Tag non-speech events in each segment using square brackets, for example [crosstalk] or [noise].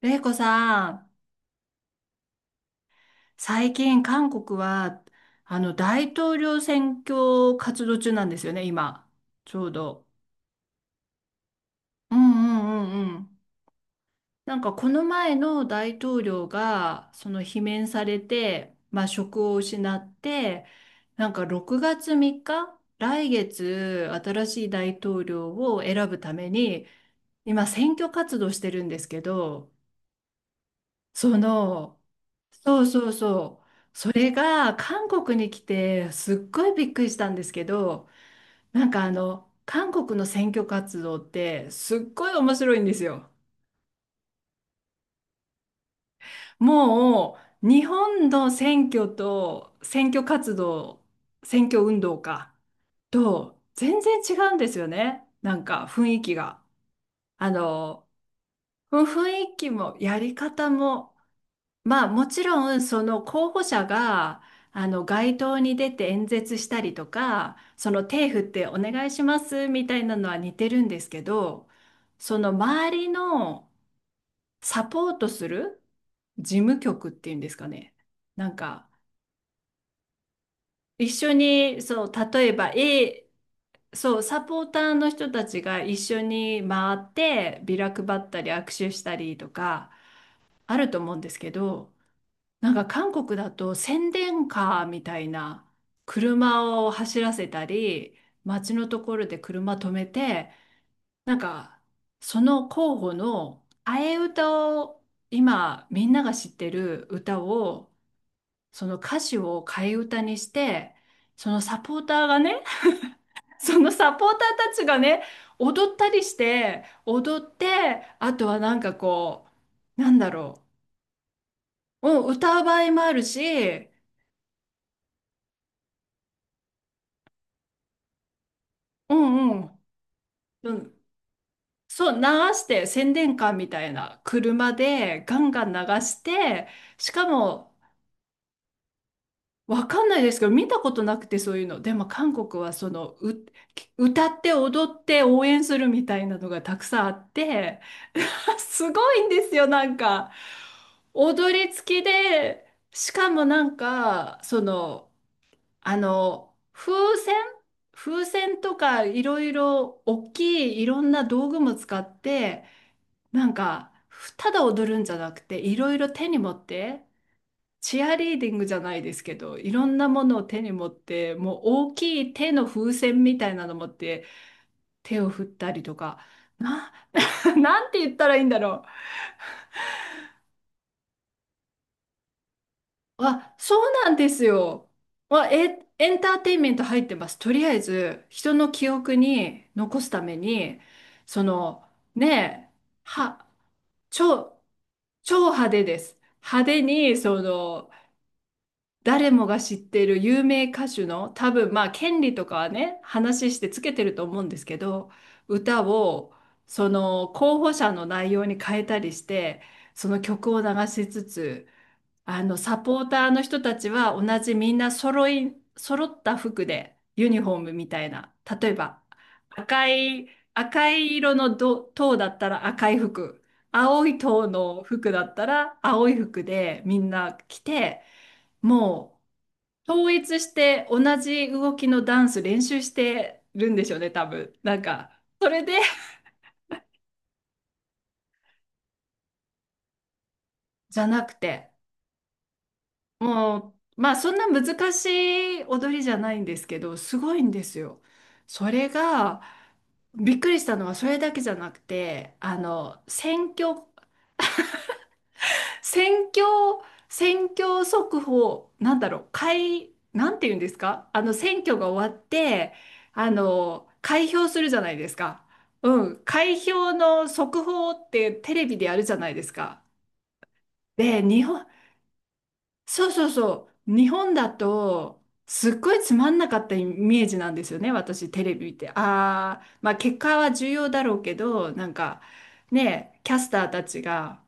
玲子さん、最近韓国は、大統領選挙活動中なんですよね、今。ちょうど。うんうんうんうん。なんかこの前の大統領が、その罷免されて、まあ職を失って、なんか6月3日、来月新しい大統領を選ぶために、今選挙活動してるんですけど、その、そうそうそう。それが韓国に来てすっごいびっくりしたんですけど、なんか韓国の選挙活動ってすっごい面白いんですよ。もう日本の選挙と選挙活動、選挙運動かと全然違うんですよね。なんか雰囲気が。あの、雰囲気もやり方も、まあもちろんその候補者が、街頭に出て演説したりとか、その手振ってお願いしますみたいなのは似てるんですけど、その周りのサポートする事務局っていうんですかね。なんか一緒に、そう、例えば A、 そうサポーターの人たちが一緒に回ってビラ配ったり握手したりとか、あると思うんですけど。なんか韓国だと宣伝カーみたいな車を走らせたり、街のところで車止めて、なんかその候補の替え歌を、今みんなが知ってる歌をその歌詞を替え歌にして、そのサポーターがね、[laughs] そのサポーターたちがね、踊ったりして、踊って、あとはなんかこう、うん、歌う場合もあるし、うんうん。そう、流して宣伝カーみたいな車でガンガン流して、しかもわかんないですけど、見たことなくてそういうの。でも韓国はそのう、歌って踊って応援するみたいなのがたくさんあって、[laughs] すごいんですよ、なんか。踊り付きで、しかもなんか、あの、風船風船とかいろいろ大きいいろんな道具も使って、なんか、ただ踊るんじゃなくて、いろいろ手に持って、チアリーディングじゃないですけど、いろんなものを手に持って、もう大きい手の風船みたいなの持って、手を振ったりとか、な、[laughs] なんて言ったらいいんだろう。あ、そうなんですよ。あ、え、エンターテインメント入ってます。とりあえず、人の記憶に残すために、その、ねえ、は、超、超派手です。派手に、誰もが知っている有名歌手の、多分まあ権利とかはね話してつけてると思うんですけど、歌をその候補者の内容に変えたりして、その曲を流しつつ、サポーターの人たちは同じみんな揃い揃った服でユニフォームみたいな、例えば、赤い赤い色のど塔だったら赤い服、青い塔の服だったら青い服でみんな着て、もう統一して同じ動きのダンス練習してるんでしょうね、多分。なんか、それで、[laughs] じゃなくて、もう、まあそんな難しい踊りじゃないんですけど、すごいんですよ。それが、びっくりしたのはそれだけじゃなくて、選挙、選挙速報、なんて言うんですか、選挙が終わって、開票するじゃないですか。うん、開票の速報ってテレビでやるじゃないですか。で、そうそうそう、日本だと、すっごいつまんなかったイメージなんですよね、私、テレビって。ああ、まあ、結果は重要だろうけど、なんか、ねえ、キャスターたちが、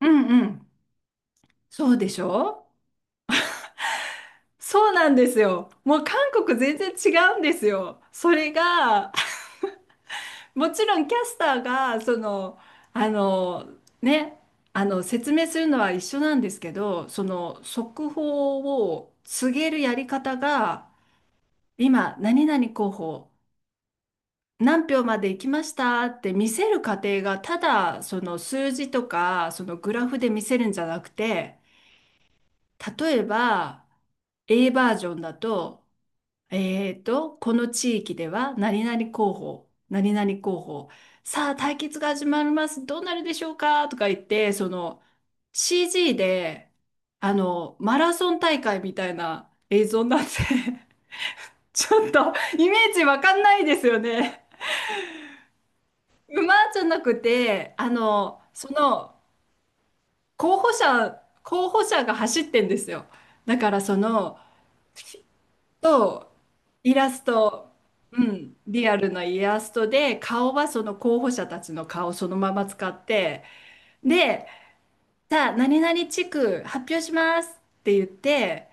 うんうん、そうでしょ。そうなんですよ。もう韓国全然違うんですよ。それが、[laughs] もちろんキャスターが、あの、ね、説明するのは一緒なんですけど、その速報を告げるやり方が、今、何々候補、何票まで行きましたって見せる過程が、ただ、その数字とか、そのグラフで見せるんじゃなくて、例えば、A バージョンだと、この地域では何々候補、何々候補、さあ対決が始まります、どうなるでしょうかとか言って、その CG で、マラソン大会みたいな映像になって [laughs] ちょっとイメージわかんないですよね。馬じゃなくて、候補者、候補者が走ってんですよ。だからその、と、イラスト、うん、リアルなイラストで、顔はその候補者たちの顔そのまま使って、で、さあ、何々地区発表しますって言って、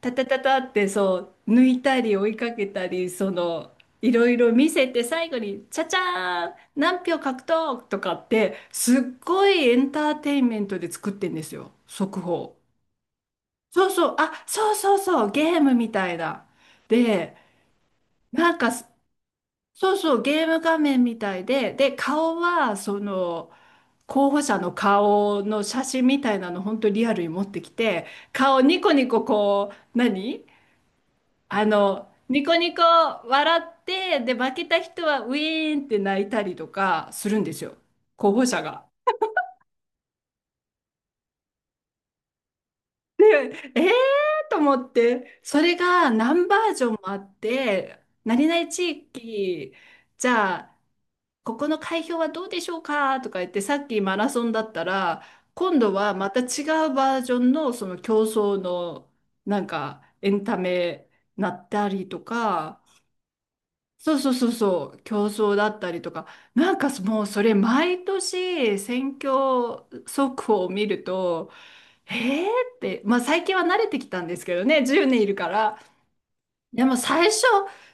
タタタタってそう、抜いたり追いかけたり、その、いろいろ見せて最後に、チャチャーン、何票獲得とかって、すっごいエンターテインメントで作ってんですよ、速報。そうそう、あ、そうそうそう、ゲームみたいな。で、なんか、そうそう、ゲーム画面みたいで、で、顔は、その、候補者の顔の写真みたいなの、本当リアルに持ってきて、顔ニコニコこう、何あの、ニコニコ笑って、で、負けた人はウィーンって泣いたりとかするんですよ、候補者が。で、えーと思って、それが何バージョンもあって、何々地域、じゃあ、ここの開票はどうでしょうかとか言って、さっきマラソンだったら、今度はまた違うバージョンのその競争の、なんかエンタメなったりとか、そうそうそうそう、競争だったりとか、なんかもうそれ毎年選挙速報を見ると、へーって。まあ最近は慣れてきたんですけどね、10年いるから。でも最初、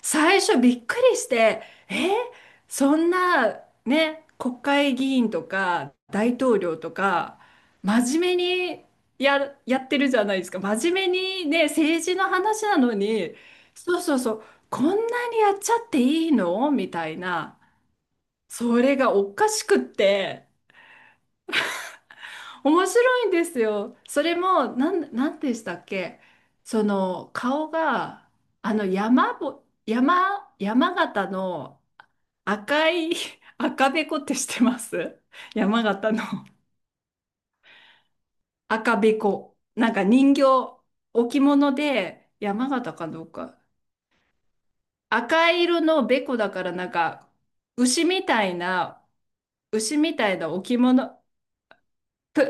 最初びっくりして、えーそんなね、国会議員とか大統領とか、真面目にややってるじゃないですか。真面目にね、政治の話なのに、そうそうそう、こんなにやっちゃっていいのみたいな、それがおかしくって。面白いんですよ。それも、なんでしたっけ。顔が、あの、山ぼ、山、山形の赤い [laughs] 赤べこって知ってます？山形の赤べこ。なんか人形、置物で、山形かどうか。赤い色のべこだから、なんか、牛みたいな、牛みたいな置物、ぷ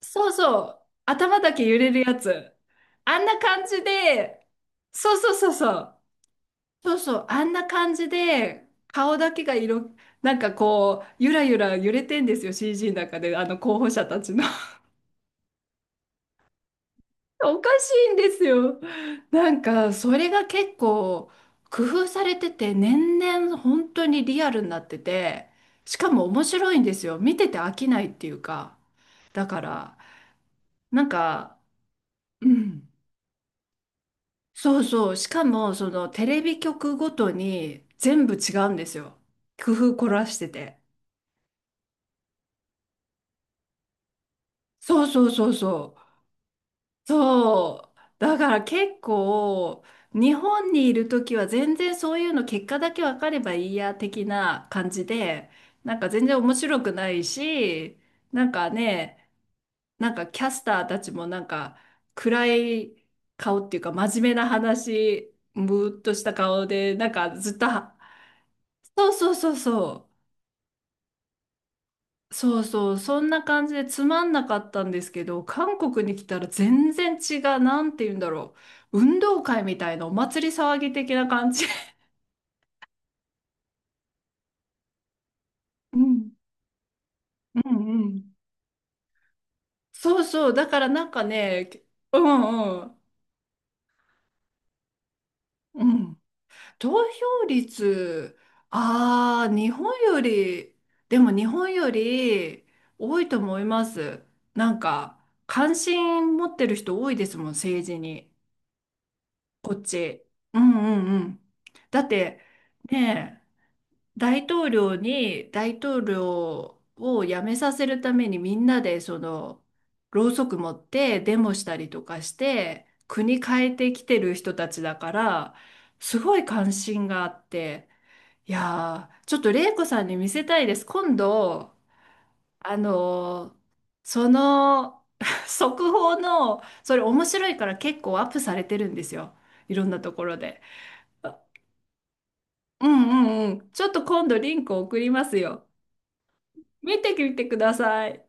そうそう。頭だけ揺れるやつ。あんな感じで、そうそうそうそう。そうそう。あんな感じで、顔だけが色、なんかこう、ゆらゆら揺れてんですよ。CG の中で、あの候補者たちの。[laughs] おかしいんですよ。なんか、それが結構、工夫されてて、年々本当にリアルになってて、しかも面白いんですよ。見てて飽きないっていうか。だから、なんか、うん。そうそう。しかも、そのテレビ局ごとに全部違うんですよ。工夫凝らしてて。そうそうそうそう。そう。だから結構、日本にいる時は全然そういうの結果だけ分かればいいや的な感じで、なんか全然面白くないし、なんかね、なんかキャスターたちもなんか暗い顔っていうか真面目な話、ムーっとした顔で、なんかずっとは。そうそうそうそう。そうそう、そんな感じでつまんなかったんですけど、韓国に来たら全然違う、なんて言うんだろう。運動会みたいなお祭り騒ぎ的な感じ。うん、うん、うん。そうそう、だからなんかね、うんうん、うん。投票率、ああ、日本より、でも日本より多いと思います。なんか、関心持ってる人多いですもん、政治に。こっち。うんうんうん。だって、ねえ、大統領を辞めさせるためにみんなで、その、ろうそく持ってデモしたりとかして、国変えてきてる人たちだから、すごい関心があって、いやー、ちょっと玲子さんに見せたいです。今度、あのーその、[laughs] 速報の、それ面白いから結構アップされてるんですよ、いろんなところで。あ、うんうんうん。ちょっと今度リンク送りますよ。見てみてください。